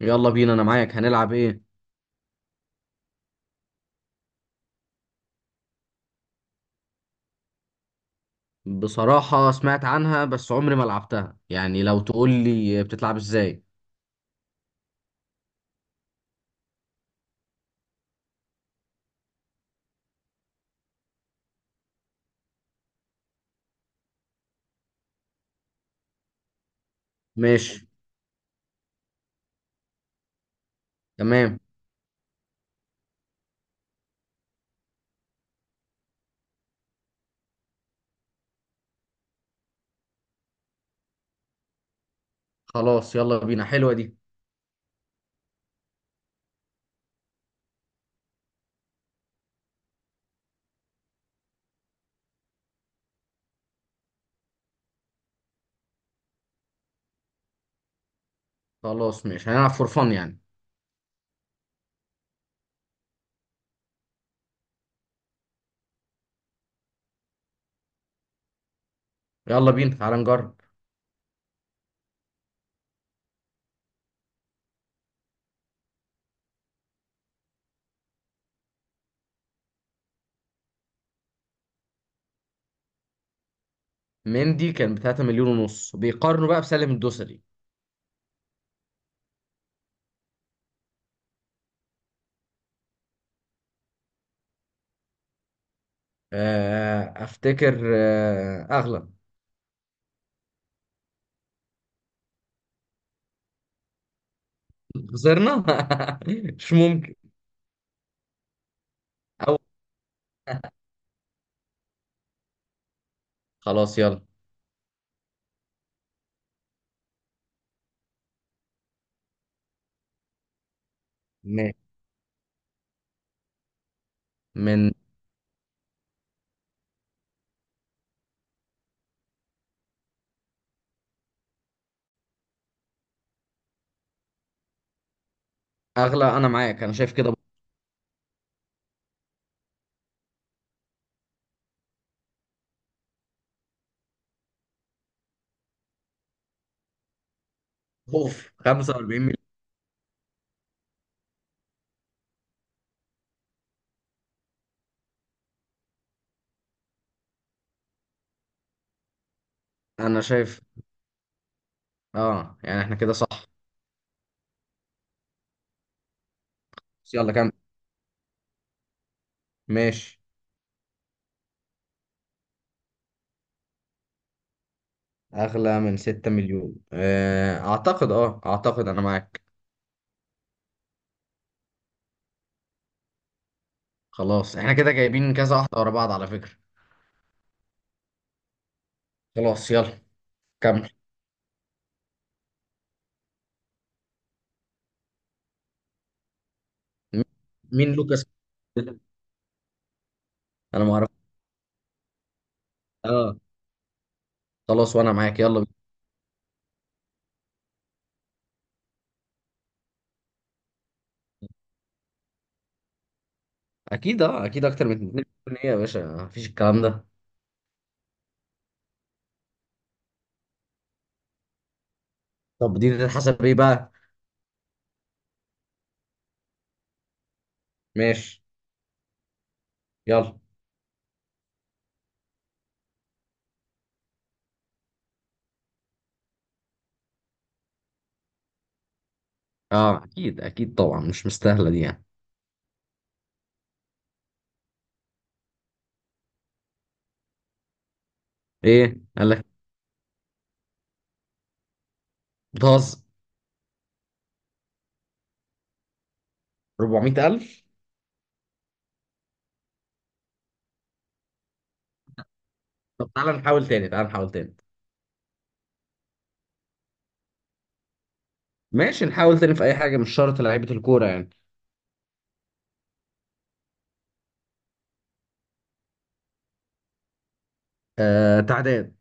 يلا بينا، انا معاك. هنلعب ايه؟ بصراحة سمعت عنها، بس عمري ما لعبتها. يعني لو تقول لي بتتلعب ازاي؟ ماشي. تمام. خلاص يلا بينا، حلوة دي. خلاص ماشي، هنلعب فور فن يعني. يلا بينا، تعال نجرب. مندي كان ب 3 مليون ونص، بيقارنوا بقى بسالم الدوسري. افتكر. اغلى. خسرنا. مش ممكن. أو. خلاص يلا. ماشي. من. اغلى، انا معاك، انا شايف كده. اوف، 45 مليون. انا شايف. اه يعني احنا كده صح. بس يلا كمل. ماشي. اغلى من 6 مليون. اعتقد انا معاك. خلاص احنا كده جايبين كذا واحدة ورا بعض على فكرة. خلاص يلا. كمل. م- مين لوكاس؟ انا ما اعرف. اه. خلاص وانا معاك، يلا بينا. اكيد اكتر من 2 مليون. ايه يا باشا؟ مفيش الكلام ده. طب دي تتحسب ايه بقى؟ ماشي. يلا. اه اكيد اكيد طبعا، مش مستاهلة دي يعني. ايه قال لك؟ بتهزر؟ 400000؟ طب تعالى نحاول تاني، تعالى نحاول تاني. ماشي، نحاول تاني في اي حاجه، مش شرط لعيبه الكوره يعني. آه، تعداد.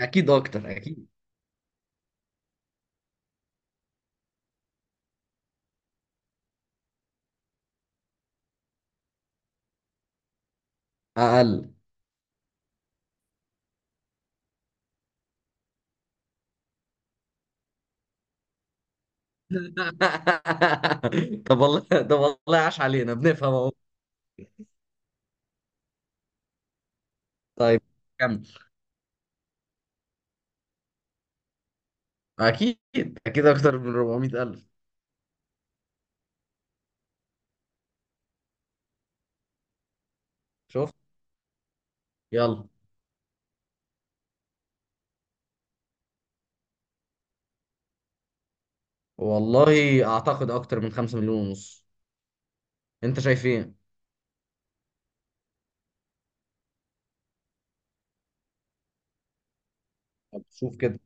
اكيد اكتر، اكيد. اقل. طب والله، طب والله، عاش علينا، بنفهم اهو. طيب. كم؟ اكيد اكيد اكتر من 400 الف. شوف. يلا. والله اعتقد اكتر من 5 مليون ونص. انت شايف ايه؟ طب شوف كده.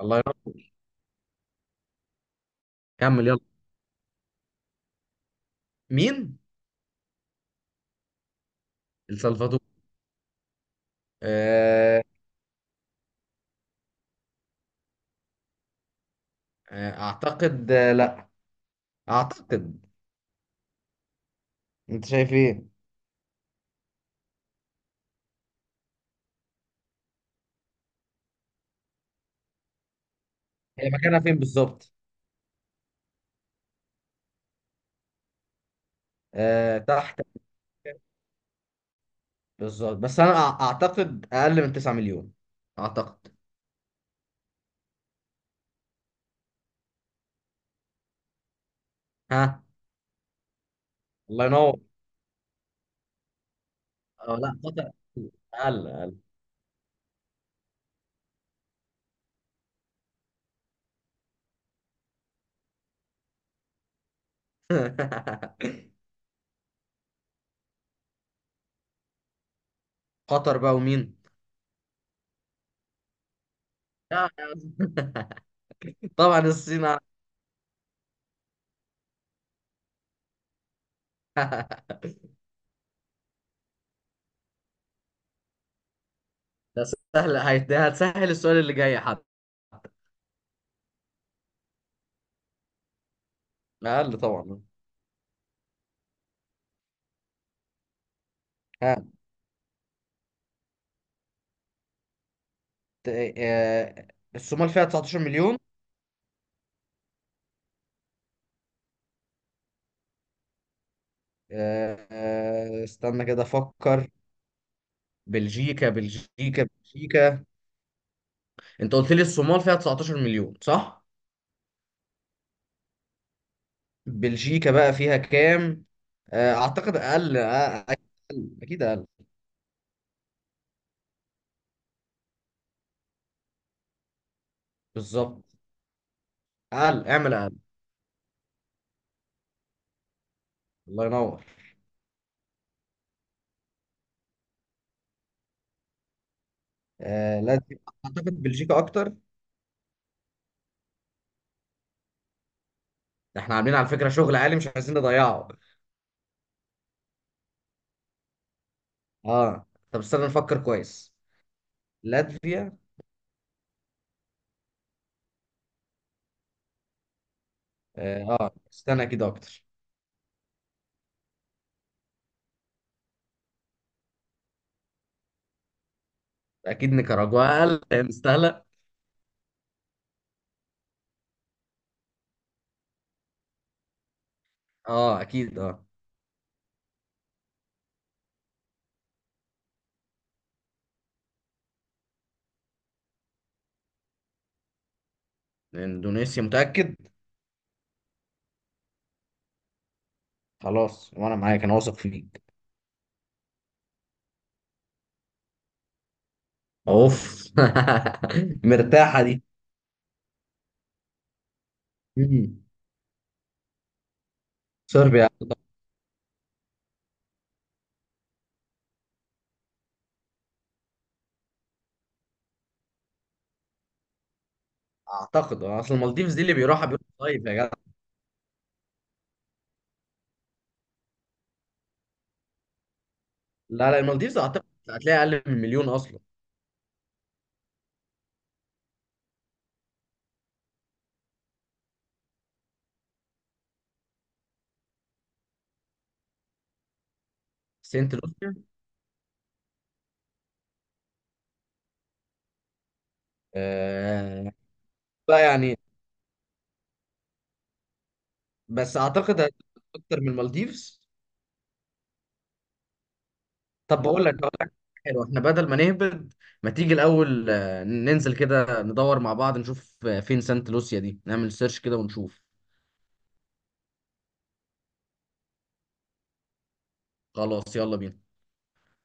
الله يرحمه. كمل يلا. مين؟ السلفادور؟ آه. اعتقد. لا، اعتقد. انت شايف ايه؟ هي مكانها فين بالظبط؟ آه، تحت. بالظبط، بس انا اعتقد اقل من 9 مليون، اعتقد. ها؟ الله ينور. اه، لا، قطر. اقل، اقل. قطر بقى ومين؟ لا، طبعا الصين أع-. ده سهل. هتسهل السؤال اللي جاي حتى. اقل طبعا. ها. ت-. آه، الصومال فيها 19 مليون. استنى كده افكر. بلجيكا، بلجيكا، بلجيكا. انت قلت لي الصومال فيها 19 مليون، صح؟ بلجيكا بقى فيها كام؟ اعتقد اقل. اقل، اكيد اقل. بالظبط. اقل، اعمل اقل. الله ينور. آه، لازم. اعتقد بلجيكا اكتر. احنا عاملين على فكره شغل عالي، مش عايزين نضيعه. اه، طب استنى نفكر كويس. لاتفيا. اه، استنى، اكيد اكتر. اكيد نيكاراجوا اقل لأن مستاهله. اه اكيد اه. اندونيسيا، متاكد؟ خلاص وانا معاك، انا واثق فيك. اوف. مرتاحه دي. مم. صربيا. اعتقد، اصل المالديفز دي اللي بيروحها بيروح صيف يا جدع. لا لا، المالديفز اعتقد هتلاقي اقل من مليون اصلا. سنت لوسيا. آه. لا يعني. بس اعتقد اكتر من المالديفز. طب بقول لك. حلو، احنا بدل ما نهبد. ما تيجي الاول، ننزل كده ندور مع بعض نشوف فين سانت لوسيا دي، نعمل سيرش كده ونشوف. خلاص يلا بينا.